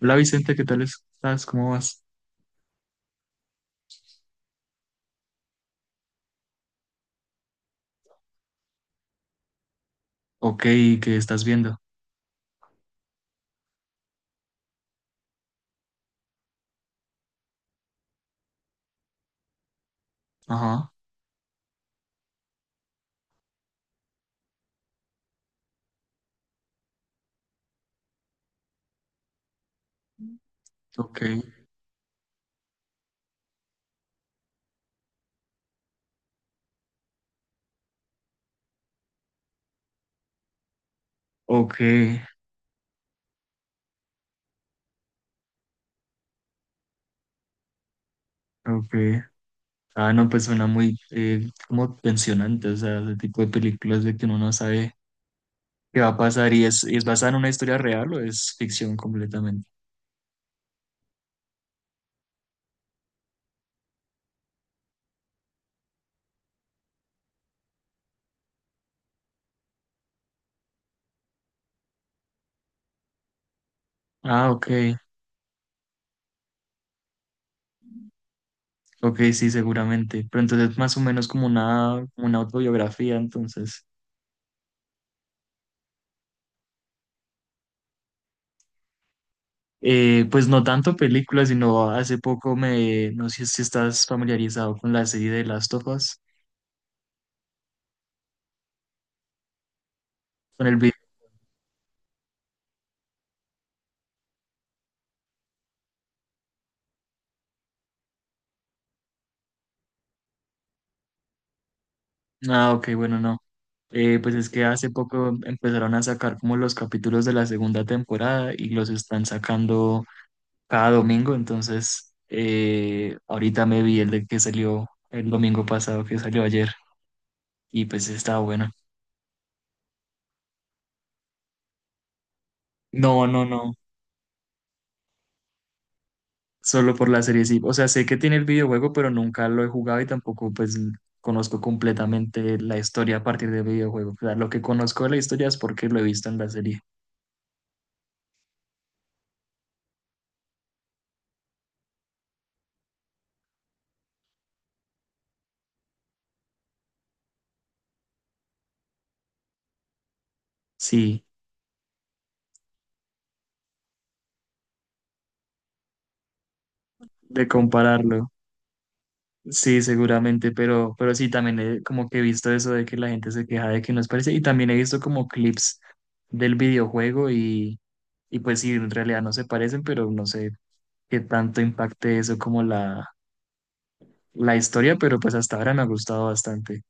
Hola Vicente, ¿qué tal estás? ¿Cómo vas? Ok, ¿qué estás viendo? Ajá, ok, ok, ok. Ah, no, pues suena muy como tensionante, o sea, ese tipo de películas de que uno no sabe qué va a pasar y es basada en una historia real o es ficción completamente. Ah, ok, ok, sí, seguramente. Pero entonces es más o menos como una autobiografía, entonces. Pues no tanto películas, sino hace poco no sé si estás familiarizado con la serie de Last of Us con el. Ah, ok, bueno, no. Pues es que hace poco empezaron a sacar como los capítulos de la segunda temporada y los están sacando cada domingo, entonces ahorita me vi el de que salió el domingo pasado, que salió ayer, y pues estaba bueno. No, no, no, solo por la serie, sí. O sea, sé que tiene el videojuego, pero nunca lo he jugado y tampoco pues conozco completamente la historia a partir del videojuego. O sea, lo que conozco de la historia es porque lo he visto en la serie. Sí, de compararlo. Sí, seguramente, pero sí, también como que he visto eso de que la gente se queja de que no es parece y también he visto como clips del videojuego y pues sí, en realidad no se parecen, pero no sé qué tanto impacte eso como la historia, pero pues hasta ahora me ha gustado bastante.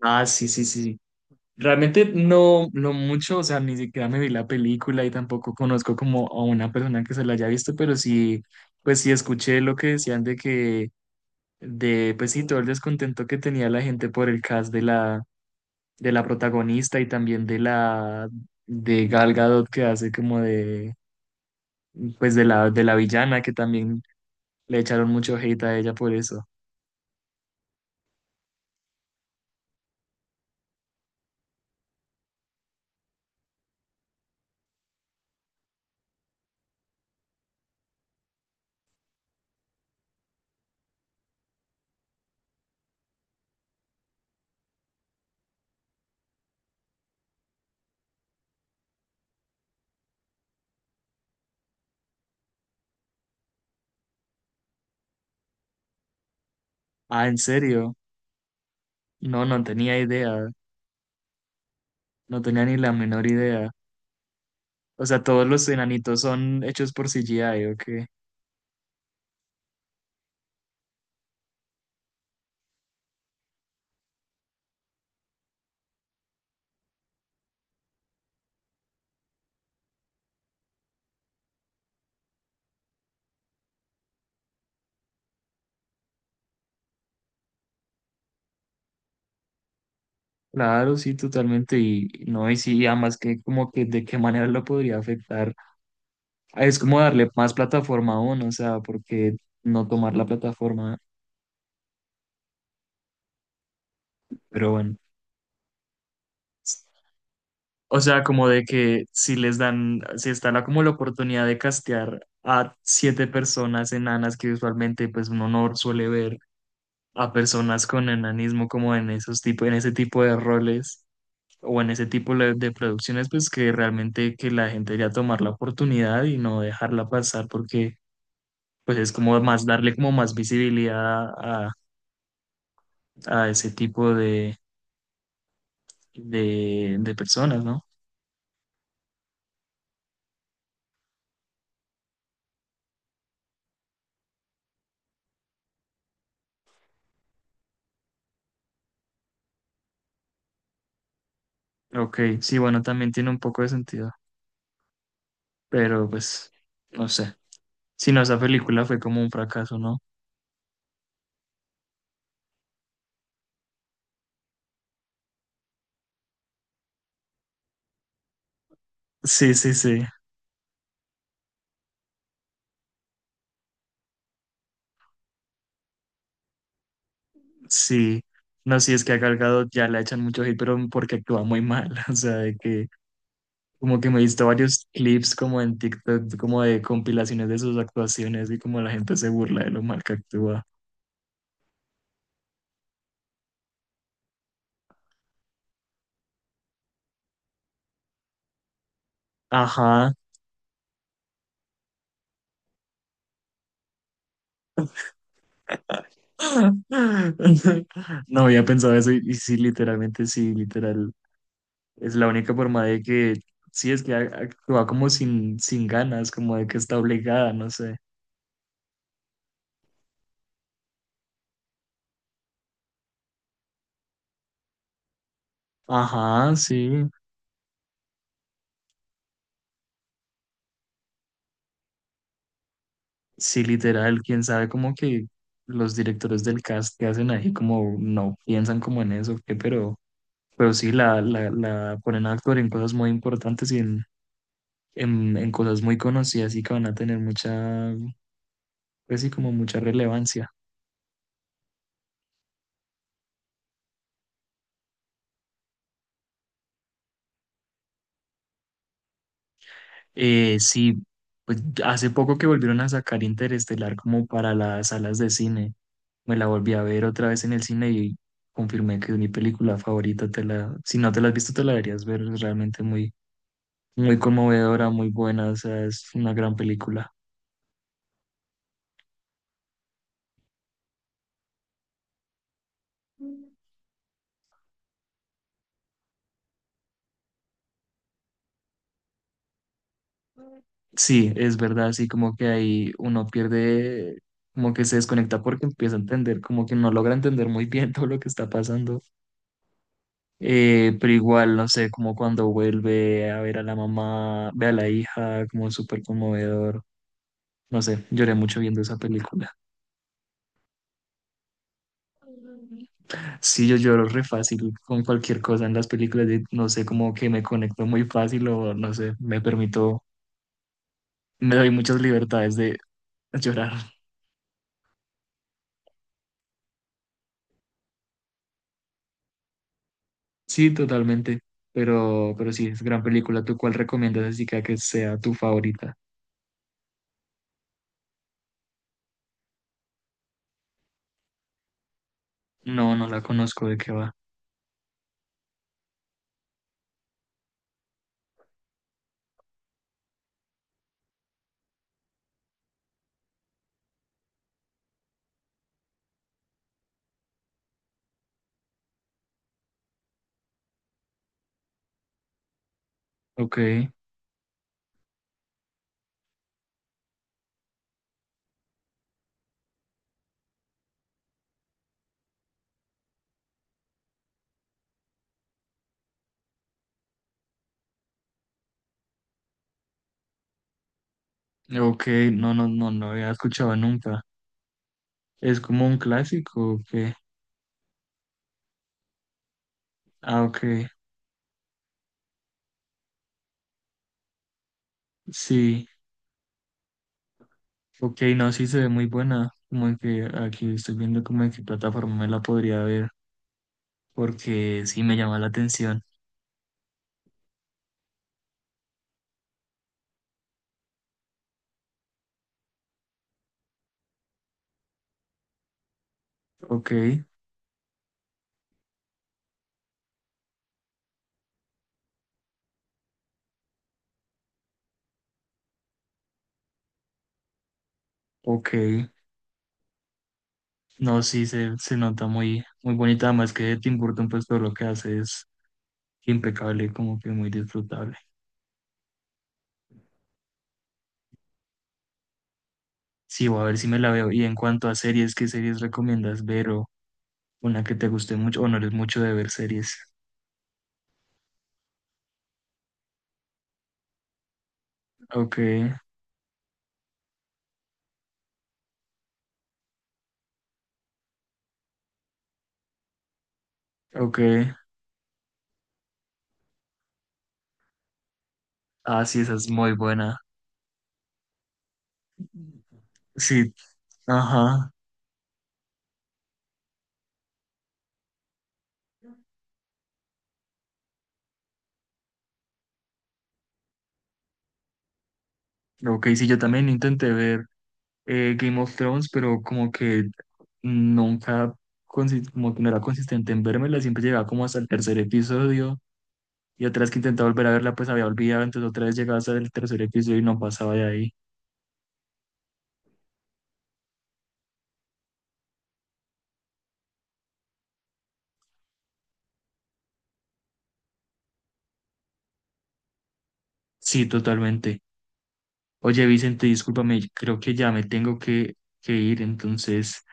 Ah, sí, sí, sí. Realmente no, no mucho, o sea, ni siquiera me vi la película y tampoco conozco como a una persona que se la haya visto, pero sí, pues sí escuché lo que decían de que pues sí, todo el descontento que tenía la gente por el cast de la protagonista y también de de Gal Gadot que hace como pues de la villana que también le echaron mucho hate a ella por eso. Ah, ¿en serio? No, no tenía idea, no tenía ni la menor idea. O sea, todos los enanitos son hechos por CGI, ¿o qué? Claro, sí, totalmente, y no, y sí, y además que como que de qué manera lo podría afectar. Es como darle más plataforma a uno, o sea, porque no tomar la plataforma, pero bueno. O sea, como de que si les dan, si está la, como la oportunidad de castear a siete personas enanas que usualmente pues uno no suele ver a personas con enanismo como en esos tipo, en ese tipo de roles o en ese tipo de producciones, pues que realmente que la gente debería tomar la oportunidad y no dejarla pasar porque pues es como más darle como más visibilidad a, a ese tipo de personas, ¿no? Ok, sí, bueno, también tiene un poco de sentido, pero pues, no sé. Si no, esa película fue como un fracaso, ¿no? Sí, sí, sí, sí. No, sí, es que a Gal Gadot ya la echan mucho hate, pero porque actúa muy mal, o sea, de que como que me he visto varios clips como en TikTok, como de compilaciones de sus actuaciones y como la gente se burla de lo mal que actúa. Ajá. No había pensado eso y sí, literalmente, sí, literal. Es la única forma de que, sí, es que actúa como sin ganas, como de que está obligada, no sé. Ajá, sí, sí, literal, quién sabe como que los directores del cast que hacen ahí como no piensan como en eso, ¿qué? Pero sí, la ponen a actuar en cosas muy importantes y en cosas muy conocidas y que van a tener mucha, pues sí, como mucha relevancia. Sí, pues hace poco que volvieron a sacar Interestelar como para las salas de cine. Me la volví a ver otra vez en el cine y confirmé que es mi película favorita. Si no te la has visto, te la deberías ver. Es realmente muy, muy conmovedora, muy buena. O sea, es una gran película. Sí, es verdad, así como que ahí uno pierde, como que se desconecta porque empieza a entender, como que no logra entender muy bien todo lo que está pasando. Pero igual, no sé, como cuando vuelve a ver a la mamá, ve a la hija, como súper conmovedor. No sé, lloré mucho viendo esa película. Sí, yo lloro re fácil con cualquier cosa en las películas, no sé, como que me conecto muy fácil o no sé, me permito, me doy muchas libertades de llorar. Sí, totalmente, pero sí, es gran película. ¿Tú cuál recomiendas así que sea tu favorita? No, no la conozco, ¿de qué va? Ok, ok, no, no, no, no había escuchado nunca. ¿Es como un clásico o qué? Ah, ok, sí, ok, no, sí se ve muy buena. Como que aquí estoy viendo como en qué plataforma me la podría ver porque sí me llama la atención. Ok, ok. No, sí, se nota muy, muy bonita, además que Tim Burton, pues todo lo que hace es impecable, como que muy disfrutable. Sí, voy a ver si me la veo. Y en cuanto a series, ¿qué series recomiendas ver o una que te guste mucho o no eres mucho de ver series? Ok, ok. Ah, sí, esa es muy buena. Sí, ajá. Ok, sí, yo también intenté ver, Game of Thrones, pero como que nunca, como que no era consistente en vérmela, siempre llegaba como hasta el tercer episodio y otras que intentaba volver a verla pues había olvidado, entonces otra vez llegaba hasta el tercer episodio y no pasaba de ahí. Sí, totalmente. Oye, Vicente, discúlpame, creo que ya me tengo que ir, entonces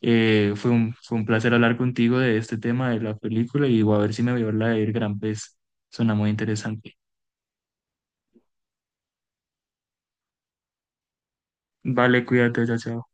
fue un placer hablar contigo de este tema de la película y voy a ver si me veo la del Gran Pez, suena muy interesante. Vale, cuídate, chao, chao.